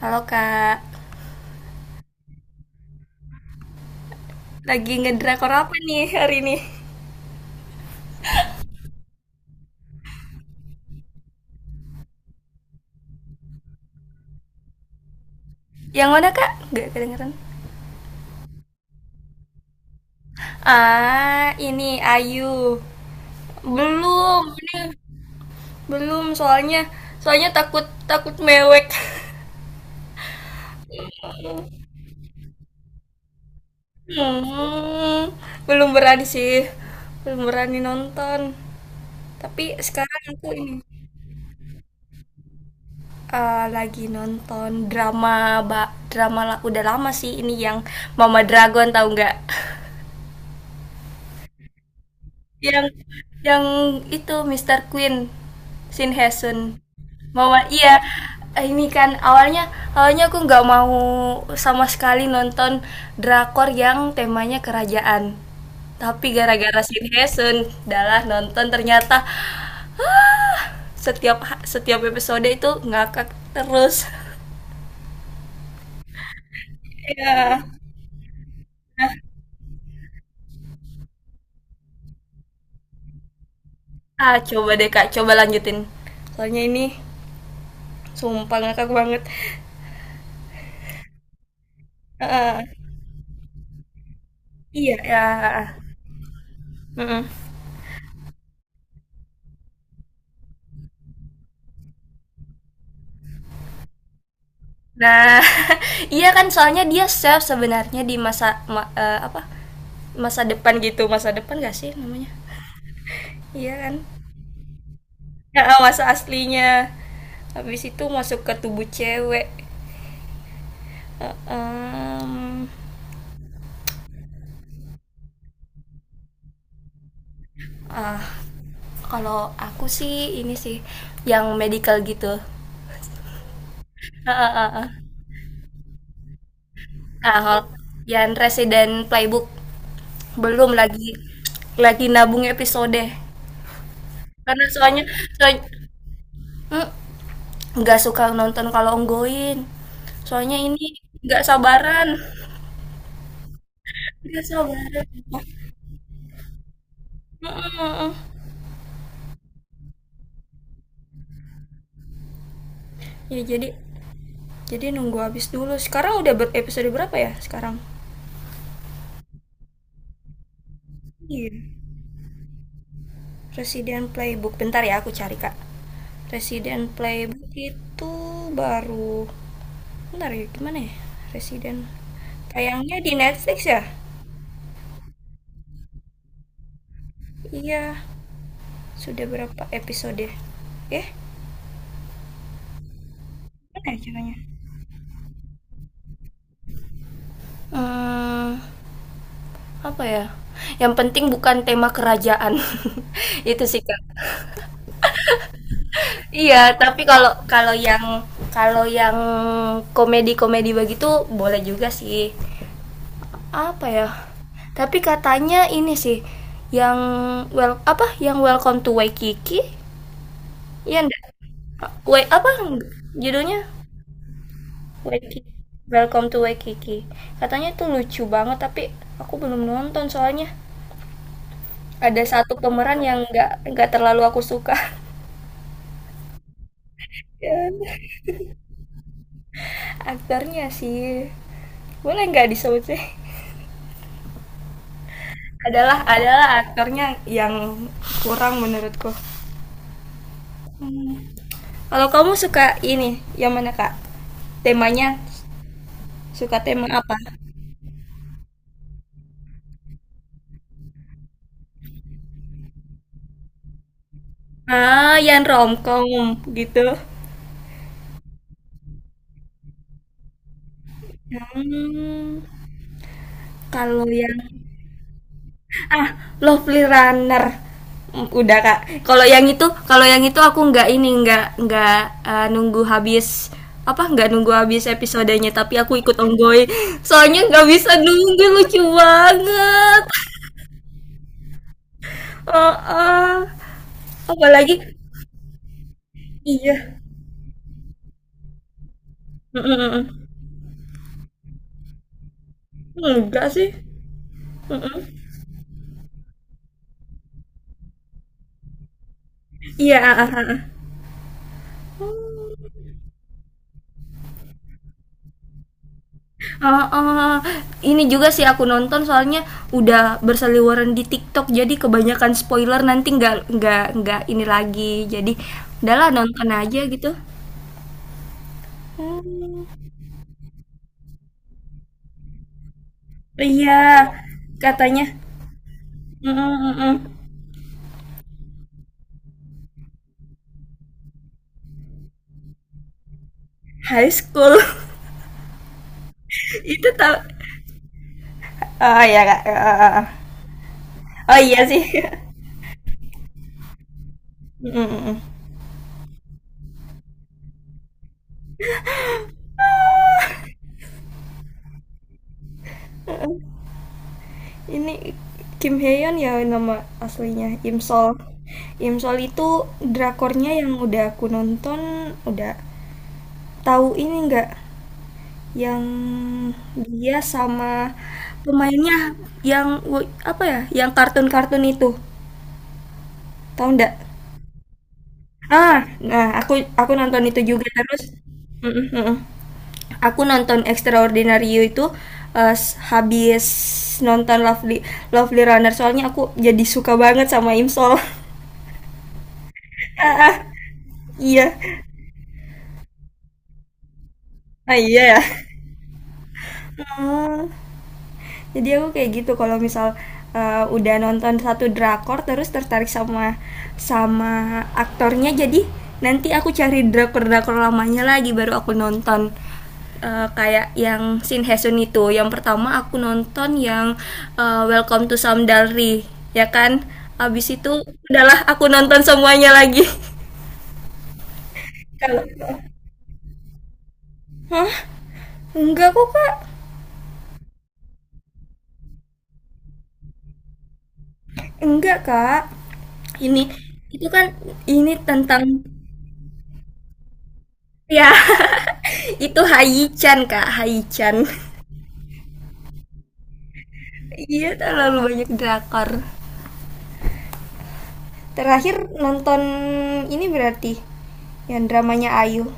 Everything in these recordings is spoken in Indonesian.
Halo kak, lagi ngedrakor apa nih hari ini? Yang mana kak? Gak kedengeran. Ah, ini Ayu. Belum, ini belum soalnya soalnya takut takut mewek. Hmm, belum berani sih, belum berani nonton. Tapi sekarang aku ini lagi nonton drama ba udah lama sih ini yang Mama Dragon tahu nggak? Yang yang itu Mister Queen, Shin Hye Sun. Iya, ini kan awalnya awalnya aku nggak mau sama sekali nonton drakor yang temanya kerajaan. Tapi gara-gara Shin Hye Sun, dalah nonton ternyata setiap setiap episode itu ngakak terus. Iya. Ah, coba deh Kak, coba lanjutin. Soalnya ini sumpah ngakak banget. Heeh. Iya, ya. Heeh. Nah, iya kan soalnya dia chef sebenarnya di masa apa? Masa depan gitu, masa depan gak sih namanya? Iya kan? Ya, masa aslinya. Habis itu masuk ke tubuh cewek. Eh, em, ah, Kalau aku sih ini sih yang medical gitu. Ah, ah, ah, ah. Nah, kalau yang resident playbook belum lagi lagi nabung episode. Karena soalnya soalnya, nggak suka nonton kalau onggoin soalnya ini nggak sabaran nggak sabaran. Mm-mm. Ya jadi nunggu habis dulu sekarang udah episode berapa ya sekarang. Iya, Resident Playbook bentar ya aku cari kak. Resident Playbook itu baru bentar ya gimana ya Resident tayangnya di Netflix ya. Iya sudah berapa episode eh gimana ya caranya. Hmm, apa ya? Yang penting bukan tema kerajaan. Itu sih, Kak. Iya, tapi kalau kalau yang komedi-komedi begitu boleh juga sih. Apa ya? Tapi katanya ini sih yang well apa yang Welcome to Waikiki, ya enggak, apa judulnya, Waikiki, Welcome to Waikiki katanya tuh lucu banget tapi aku belum nonton soalnya ada satu pemeran yang nggak terlalu aku suka. Dan aktornya sih boleh nggak disebut sih? Adalah adalah aktornya yang kurang menurutku. Kalau kamu suka ini, yang mana kak? Temanya suka tema apa? Ah, yang romcom gitu. Hmm, kalau yang ah, Lovely Runner. Mm, udah kak. Kalau yang itu aku nggak ini, nggak eh, nunggu habis apa nggak nunggu habis episodenya tapi aku ikut onggoy soalnya nggak bisa nunggu lucu banget. Oh, oh. Apalagi iya. Mm-mm. Enggak sih. Mm-mm. Iya, ah, ah, ah. Ah. Ah, ah. Ini juga sih aku nonton soalnya udah berseliweran di TikTok jadi kebanyakan spoiler nanti nggak ini lagi jadi udahlah nonton aja gitu. Hmm, iya katanya. Mm, mm, mm. Mm, high school. Itu tau. Oh iya kak. Ah. Oh, oh. Oh iya sih. Mm, mm, mm. Ini Kim Hyeon ya nama aslinya Im Sol. Im Sol itu drakornya yang udah aku nonton udah. Tahu ini nggak yang dia sama pemainnya yang apa ya? Yang kartun-kartun itu. Tahu nggak? Ah, nah aku nonton itu juga terus. Mm-mm, mm-mm. Aku nonton Extraordinary You itu habis nonton Lovely Lovely Runner soalnya aku jadi suka banget sama Imsol. Iya. Ah iya ya. Hmm. Jadi aku kayak gitu kalau misal udah nonton satu drakor terus tertarik sama sama aktornya jadi nanti aku cari drakor-drakor lamanya lagi baru aku nonton. Kayak yang Shin Hae-sun itu. Yang pertama aku nonton yang Welcome to Samdalri, ya kan? Abis itu udahlah aku nonton semuanya lagi. Kalau Hah? Enggak kok, Kak. Enggak, Kak. Ini itu kan ini tentang. Ya, itu Haichan Kak, Haichan. Iya, terlalu banyak drakor. Terakhir nonton ini berarti yang dramanya Ayu.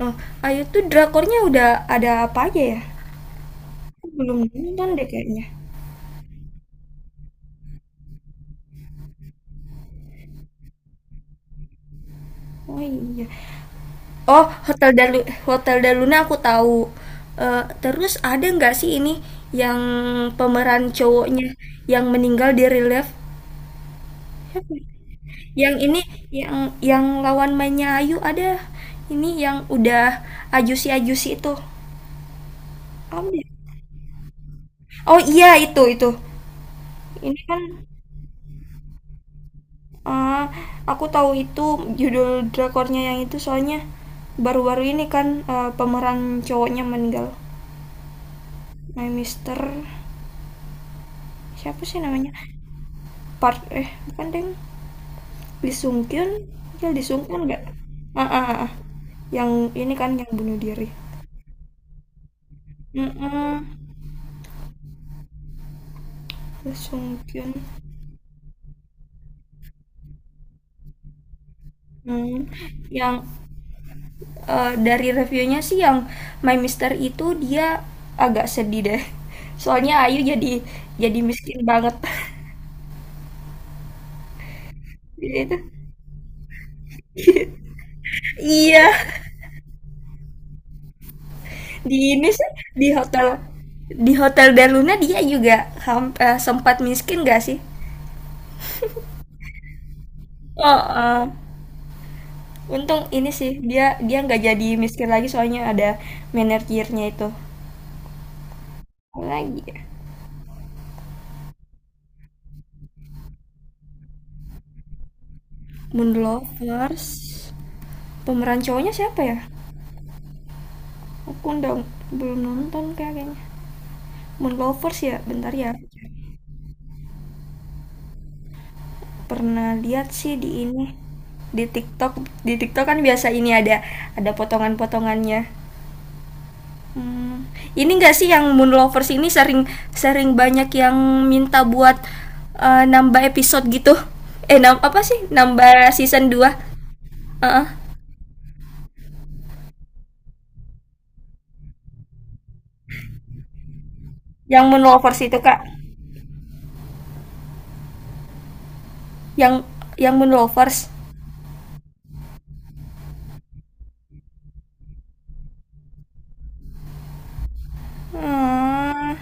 Nah, Ayu tuh drakornya udah ada apa aja ya? Aku belum nonton deh kayaknya. Oh iya. Oh, Hotel Daluna aku tahu. Eh, terus ada nggak sih ini yang pemeran cowoknya yang meninggal di relief? Siapa? Yang ini yang yang lawan mainnya Ayu ada ini yang udah ajusi-ajusi itu. Apa dia? Oh iya itu itu. Ini kan eh, aku tahu itu judul drakornya yang itu soalnya baru-baru ini kan pemeran cowoknya meninggal. Nah, Mister siapa sih namanya? Park, eh, bukan deng. Lee Sung Kyun, ya Lee Sung Kyun nggak? Ah, ah, ah, ah. Yang ini kan yang bunuh diri. Mm-mm. Lee Sung Kyun. Mmm, yang, dari reviewnya sih yang My Mister itu dia agak sedih deh. Soalnya Ayu jadi miskin banget. Dia itu iya, di ini sih, di hotel di Hotel del Luna dia juga sempat miskin gak sih? Heeh, untung ini sih, dia dia nggak jadi miskin lagi soalnya ada manajernya itu. Apalagi ya? Moon Lovers, pemeran cowoknya siapa ya? Aku belum nonton Kak, kayaknya. Moonlovers ya, bentar ya. Pernah lihat sih di ini di TikTok. Di TikTok kan biasa ini ada potongan-potongannya. Hmm, ini enggak sih yang Moonlovers ini sering sering banyak yang minta buat nambah episode gitu. Eh, nam Apa sih? Nambah season dua. Heeh. Yang Moonlovers itu, Kak. Yang yang Moonlovers. Hmm.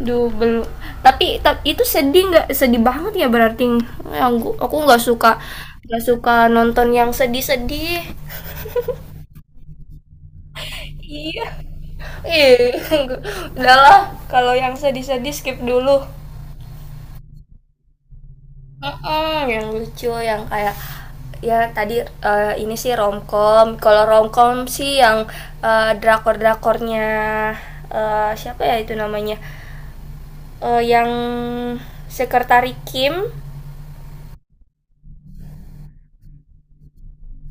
Duh, belum. Tapi, itu sedih nggak? Sedih banget ya berarti. Yang aku nggak suka nonton yang sedih-sedih. Iya. Ih, udahlah. Kalau yang sedih-sedih skip dulu. Mm-mm, yang lucu, yang kayak ya tadi ini sih romcom. Kalau romcom sih yang drakor-drakornya siapa ya itu namanya? Yang Sekretari Kim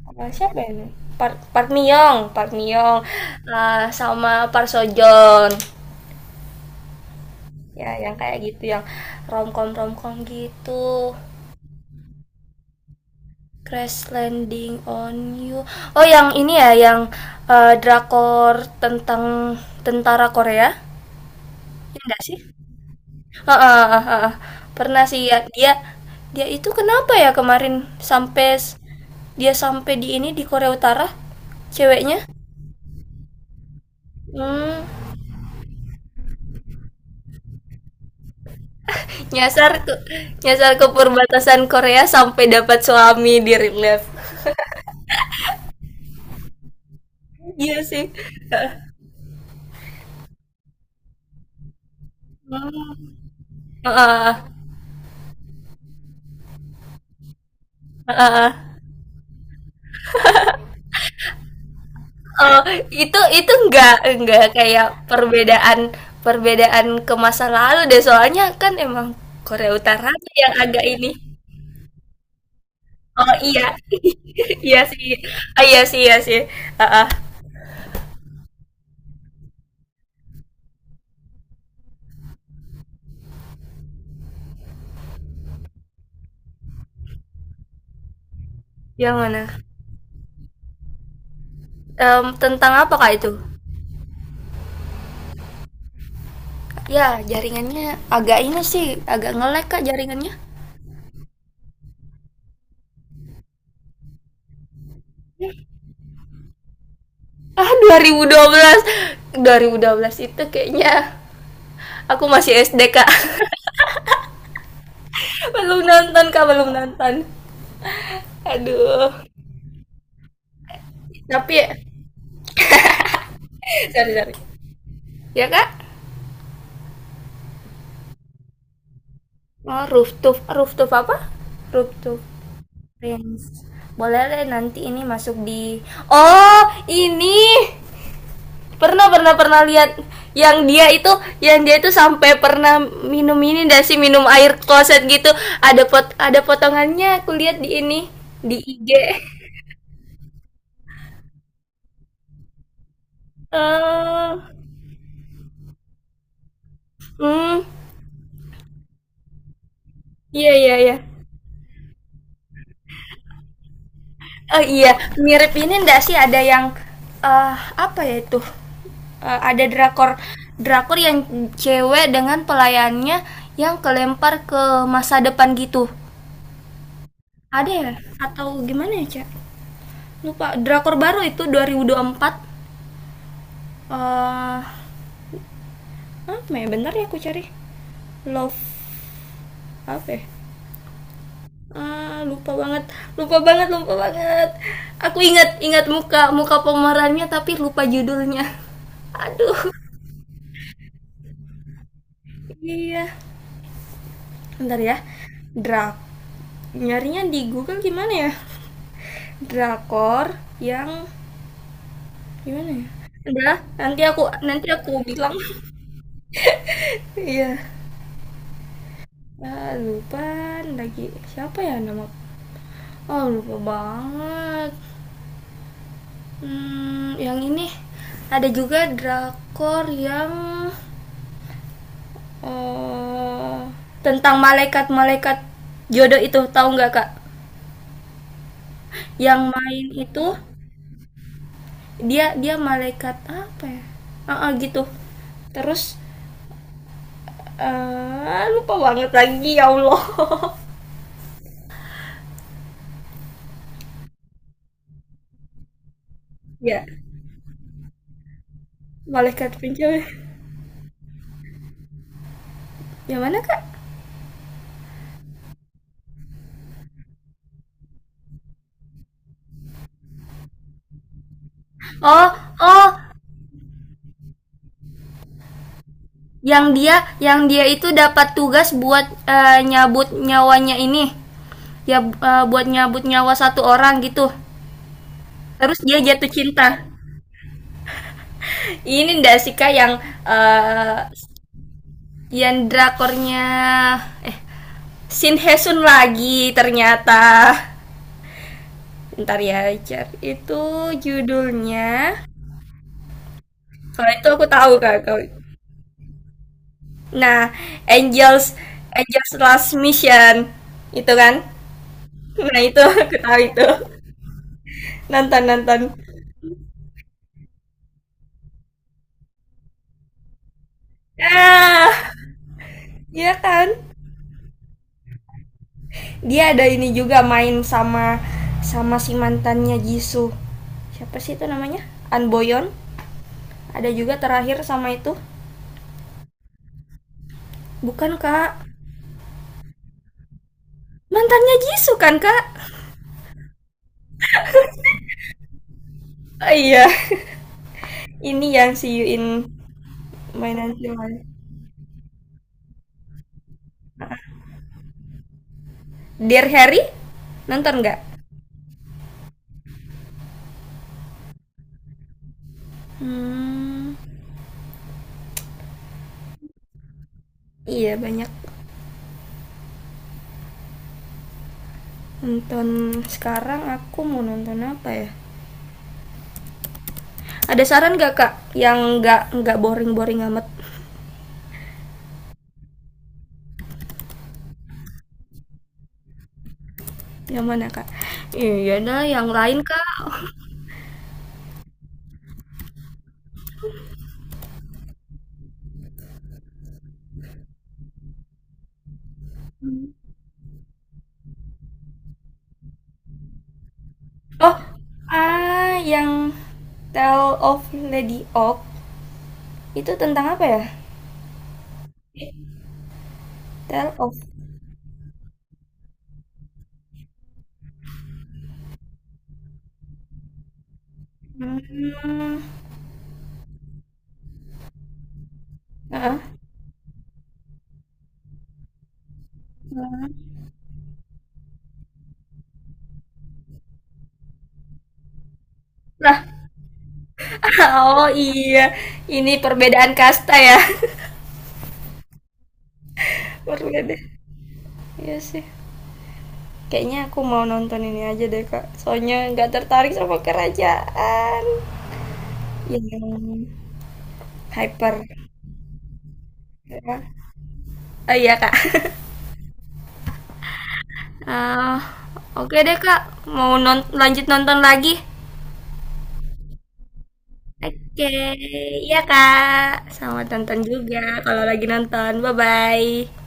apa siapa ini? Park Park Miyong, Park Miyong, sama Park Sojon. Ya, yang kayak gitu, yang romcom romcom gitu. Crash Landing on You. Oh, yang ini ya, yang drakor tentang tentara Korea. Ya enggak sih? Heeh, heeh, heeh. Pernah sih ya. Dia dia itu kenapa ya kemarin sampai dia sampai di ini di Korea Utara ceweknya? Hmm, nyasar ke nyasar ke perbatasan Korea sampai dapat suami di real life. Iya sih. Heeh, heeh. Heeh. Oh, itu enggak kayak perbedaan perbedaan ke masa lalu deh soalnya kan emang Korea Utara tuh yang agak ini. Oh iya. Iya sih. Ah, iya sih iya sih. Heeh. Yang mana. Tentang apa kak itu. Ya jaringannya agak ini sih agak ngelek kak jaringannya. Ah 2012 itu kayaknya aku masih SD kak. Belum nonton kak belum nonton aduh. Tapi ya, sorry sorry ya kak. Oh rooftop rooftop apa rooftop prince boleh deh nanti ini masuk di. Oh ini pernah pernah pernah lihat yang dia itu sampai pernah minum ini dan sih minum air kloset gitu. Ada potongannya aku lihat di ini di IG hmm iya iya iya. Oh iya mirip ini ndak sih ada yang eh apa ya itu. Ada drakor drakor yang cewek dengan pelayannya yang kelempar ke masa depan gitu. Ada ya atau gimana ya Cak lupa drakor baru itu 2024 apa ya bentar ya aku cari. Love apa ya. Ah, lupa banget lupa banget lupa banget. Aku ingat ingat muka muka pemerannya tapi lupa judulnya. Aduh. Iya bentar ya drak nyarinya di Google gimana ya drakor yang gimana ya. Udah nanti aku bilang. Iya. Ah, lupa lagi siapa ya nama. Oh lupa banget. Hmm, yang ini ada juga drakor yang eh, tentang malaikat-malaikat jodoh itu tahu nggak kak? Yang main itu dia dia malaikat apa ya? Ah, ah, gitu. Terus lupa banget lagi ya Allah. Ya malaikat pencuri. Yang mana kak? Oh oh yang dia itu dapat tugas buat nyabut nyawanya ini ya buat nyabut nyawa satu orang gitu terus dia jatuh cinta ini ndak sih kak yang eh, yang drakornya eh Shin Hesun lagi ternyata ntar ya cari itu judulnya. Kalau itu aku tahu kak nah Angels Angels Last Mission itu kan nah itu aku tahu itu. Nantan Nantan. Ah, iya kan? Dia ada ini juga main sama sama si mantannya Jisoo. Siapa sih itu namanya? An Boyon. Ada juga terakhir sama itu. Bukan kak, mantannya Jisoo kan kak? Oh, iya, ini yang si Yuin mainan si Wali. Dear Harry, nonton nggak? Hmm, iya banyak nonton sekarang aku mau nonton apa ya ada saran nggak kak yang nggak boring boring amat. Yang mana, Kak? Iya dah, yang lain Kak. Oh, yang Tale of Lady Oak itu tentang apa ya? Tale of Hmm. Heeh. Hmm. Lah, oh iya, ini perbedaan kasta ya. Berbeda. Iya sih. Kayaknya aku mau nonton ini aja deh, Kak. Soalnya nggak tertarik sama kerajaan yang hyper. Ya. Oh iya, Kak. Ah, oke deh Kak, mau lanjut nonton lagi? Oke, iya Kak. Selamat nonton juga kalau lagi nonton. Bye-bye.